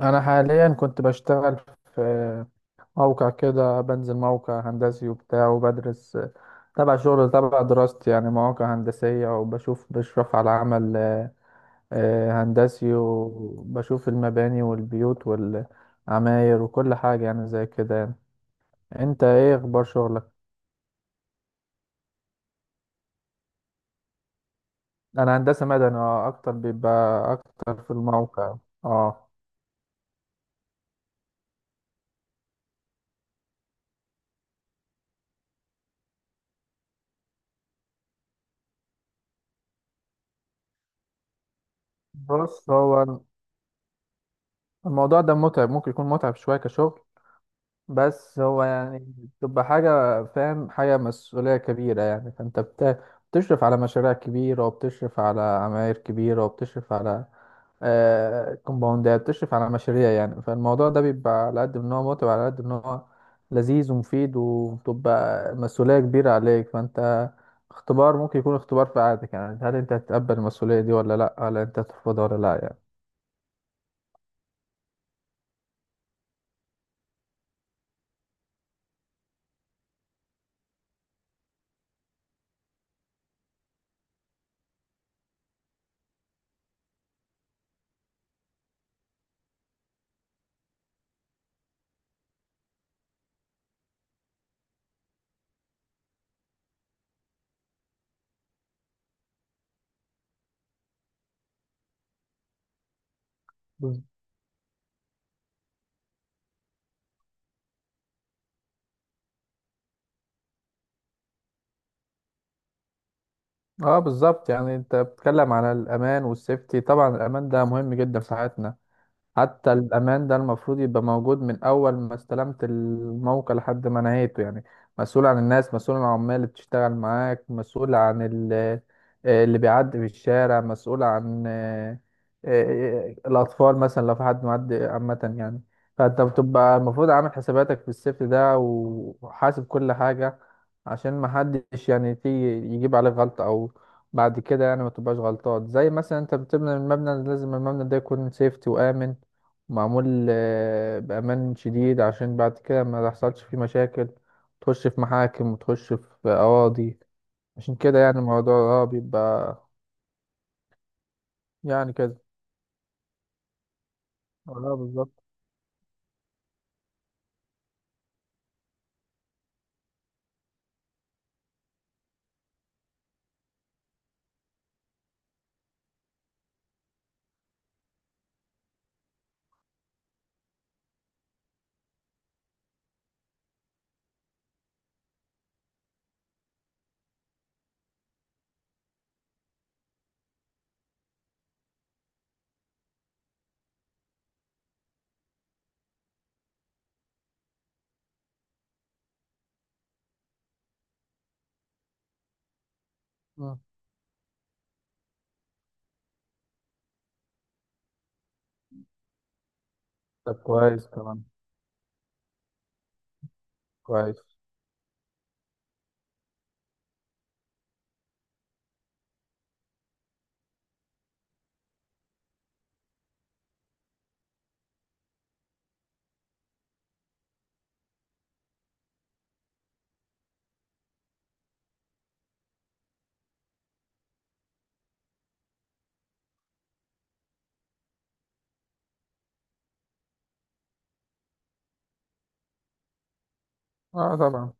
انا حاليا كنت بشتغل في موقع كده، بنزل موقع هندسي وبتاع وبدرس تبع شغل تبع دراستي، يعني مواقع هندسية. بشرف على عمل هندسي، وبشوف المباني والبيوت والعماير وكل حاجة يعني زي كده يعني. انت ايه اخبار شغلك؟ انا هندسة مدني، اكتر بيبقى اكتر في الموقع. اه. بص، هو الموضوع ده متعب، ممكن يكون متعب شوية كشغل. بس هو يعني بتبقى حاجة فاهم، حاجة مسؤولية كبيرة يعني. بتشرف على مشاريع كبيرة، وبتشرف على عماير كبيرة، وبتشرف على كومباوندات، بتشرف على مشاريع يعني. فالموضوع ده بيبقى على قد ان هو متعب على قد ان هو لذيذ ومفيد، وبتبقى مسؤولية كبيرة عليك. فأنت اختبار، ممكن يكون اختبار في حياتك يعني. هل أنت هتتقبل المسؤولية دي ولا لأ؟ هل أنت هترفضها ولا لأ يعني؟ اه بالظبط. يعني انت بتتكلم على الامان والسيفتي. طبعا الامان ده مهم جدا في حياتنا. حتى الأمان ده المفروض يبقى موجود من أول ما استلمت الموقع لحد ما نهيته يعني. مسؤول عن الناس، مسؤول عن العمال اللي بتشتغل معاك، مسؤول عن اللي بيعدي في الشارع، مسؤول عن الأطفال مثلا لو في حد معدي عامة يعني. فأنت بتبقى المفروض عامل حساباتك في السيفتي ده وحاسب كل حاجة، عشان محدش يعني تيجي يجيب عليك غلطة أو بعد كده يعني. ما تبقاش غلطات زي مثلا انت بتبني المبنى، لازم المبنى ده يكون سيفتي وآمن، معمول بأمان شديد عشان بعد كده ما تحصلش فيه مشاكل، تخش في محاكم وتخش في قواضي. عشان كده يعني الموضوع اه بيبقى يعني كده. اه بالظبط. مم. طب كويس كمان. كويس. اه طبعا.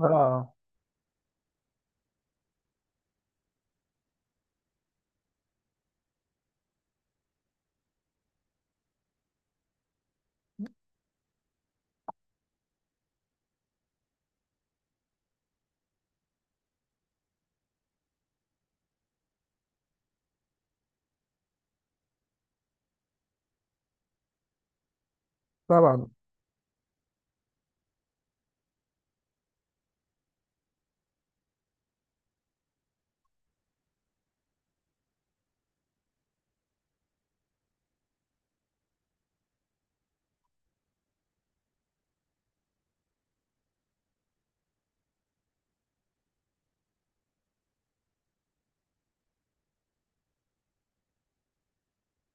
اه طبعا.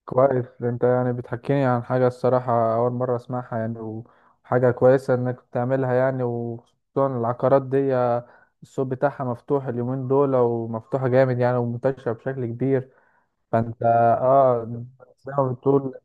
كويس. انت يعني بتحكيني عن حاجة، الصراحة أول مرة أسمعها يعني، وحاجة كويسة إنك بتعملها يعني. وخصوصا العقارات دي، السوق بتاعها مفتوح اليومين دول ومفتوحة جامد يعني ومنتشرة بشكل كبير. فانت اه زي ما بتقول.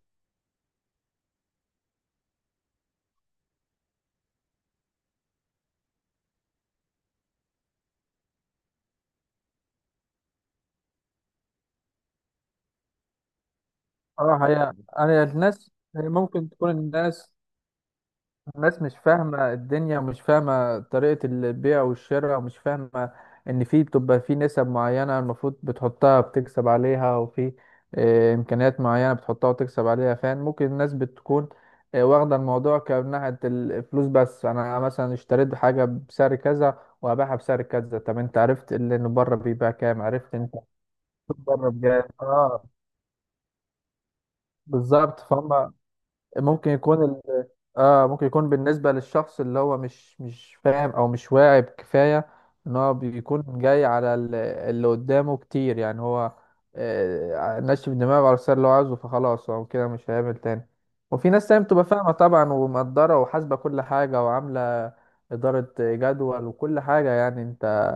اه هي انا الناس، هي ممكن تكون الناس، مش فاهمة الدنيا ومش فاهمة طريقة البيع والشراء، ومش فاهمة ان في بتبقى في نسب معينة المفروض بتحطها بتكسب عليها، وفي امكانيات معينة بتحطها وتكسب عليها فاهم. ممكن الناس بتكون واخدة الموضوع كناحية الفلوس بس. انا مثلا اشتريت حاجة بسعر كذا وهبيعها بسعر كذا. طب انت عرفت اللي انه بره بيبيع كام؟ عرفت انت بره بجد؟ اه بالظبط فهم. ممكن يكون ال... اه ممكن يكون بالنسبة للشخص اللي هو مش فاهم او مش واعي بكفاية، ان هو بيكون جاي على اللي قدامه كتير يعني. هو آه ناشف دماغه على السر اللي هو عاوزه، فخلاص هو كده مش هيعمل تاني. وفي ناس تانية بتبقى فاهمة طبعا ومقدرة وحاسبة كل حاجة وعاملة إدارة جدول وكل حاجة يعني. انت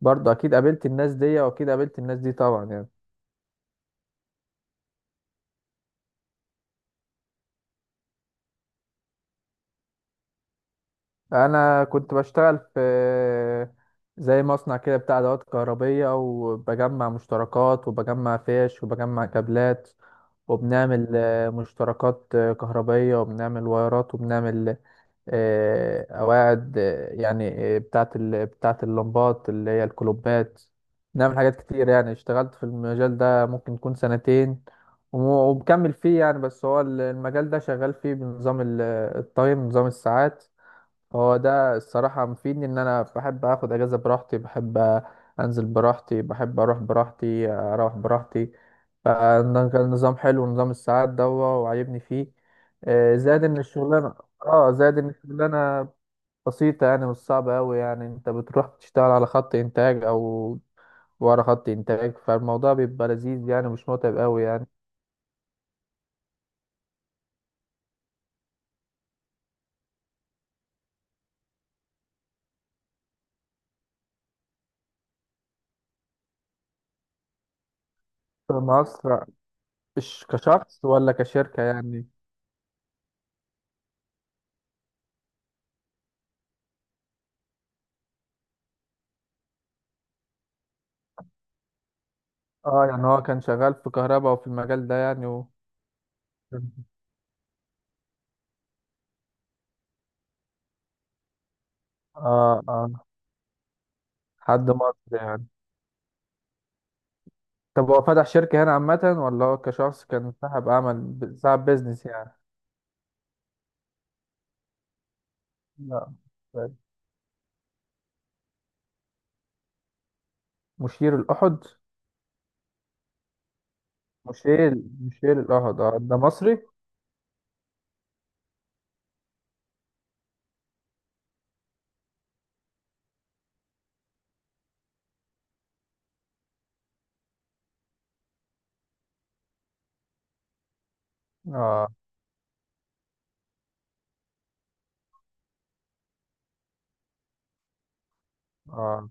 برضه اكيد قابلت الناس دي واكيد قابلت الناس دي طبعا يعني. انا كنت بشتغل في زي مصنع كده بتاع ادوات كهربية، وبجمع مشتركات وبجمع فيش وبجمع كابلات، وبنعمل مشتركات كهربية، وبنعمل وايرات، وبنعمل قواعد بتاعة بتاعة اللمبات اللي هي الكلوبات. نعمل حاجات كتير يعني. اشتغلت في المجال ده ممكن يكون سنتين، وم- ومكمل فيه يعني. بس هو المجال ده شغال فيه بنظام التايم، نظام الساعات. هو ده الصراحة مفيدني إن أنا بحب آخد أجازة براحتي، بحب أنزل براحتي، بحب أروح براحتي. فده كان نظام حلو، نظام الساعات ده وعاجبني فيه. آه، زائد إن الشغلانة اه زائد إن الشغلانة بسيطة، يعني مش صعبة أوي يعني. أنت بتروح تشتغل على خط إنتاج أو ورا خط إنتاج، فالموضوع بيبقى لذيذ يعني، مش متعب أوي يعني. في مصر؟ مش كشخص ولا كشركة يعني؟ اه يعني هو كان شغال في كهرباء وفي المجال ده يعني. اه اه. حد مصري يعني. طب هو فتح شركة هنا عامة، ولا هو كشخص كان صاحب عمل، صاحب بيزنس يعني؟ لا. مشير الأحد. مشير مشير الأحد اه ده مصري. اه اه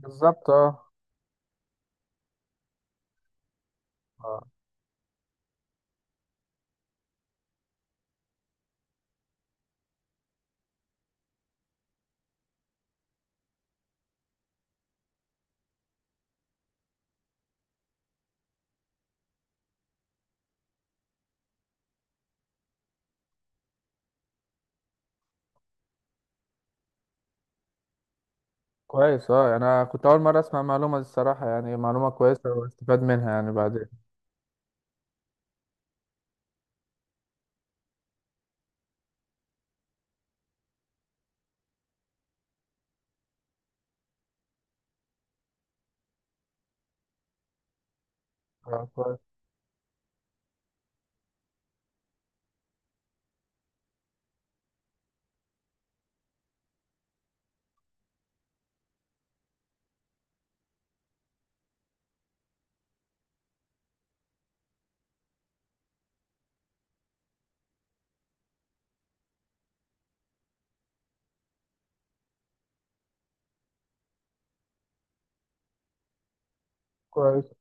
بالظبط. اه اه. كويس. اه يعني انا كنت اول مرة اسمع المعلومة دي الصراحة يعني، معلومة كويسة واستفاد منها يعني بعدين. اه. كويس. كويس.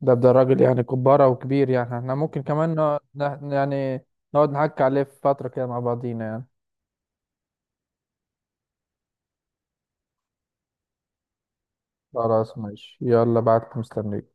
ده راجل يعني كبارة وكبير يعني. احنا ممكن كمان يعني نقعد نحكي عليه في فترة كده مع بعضينا يعني. خلاص ماشي، يلا بعت مستنيك.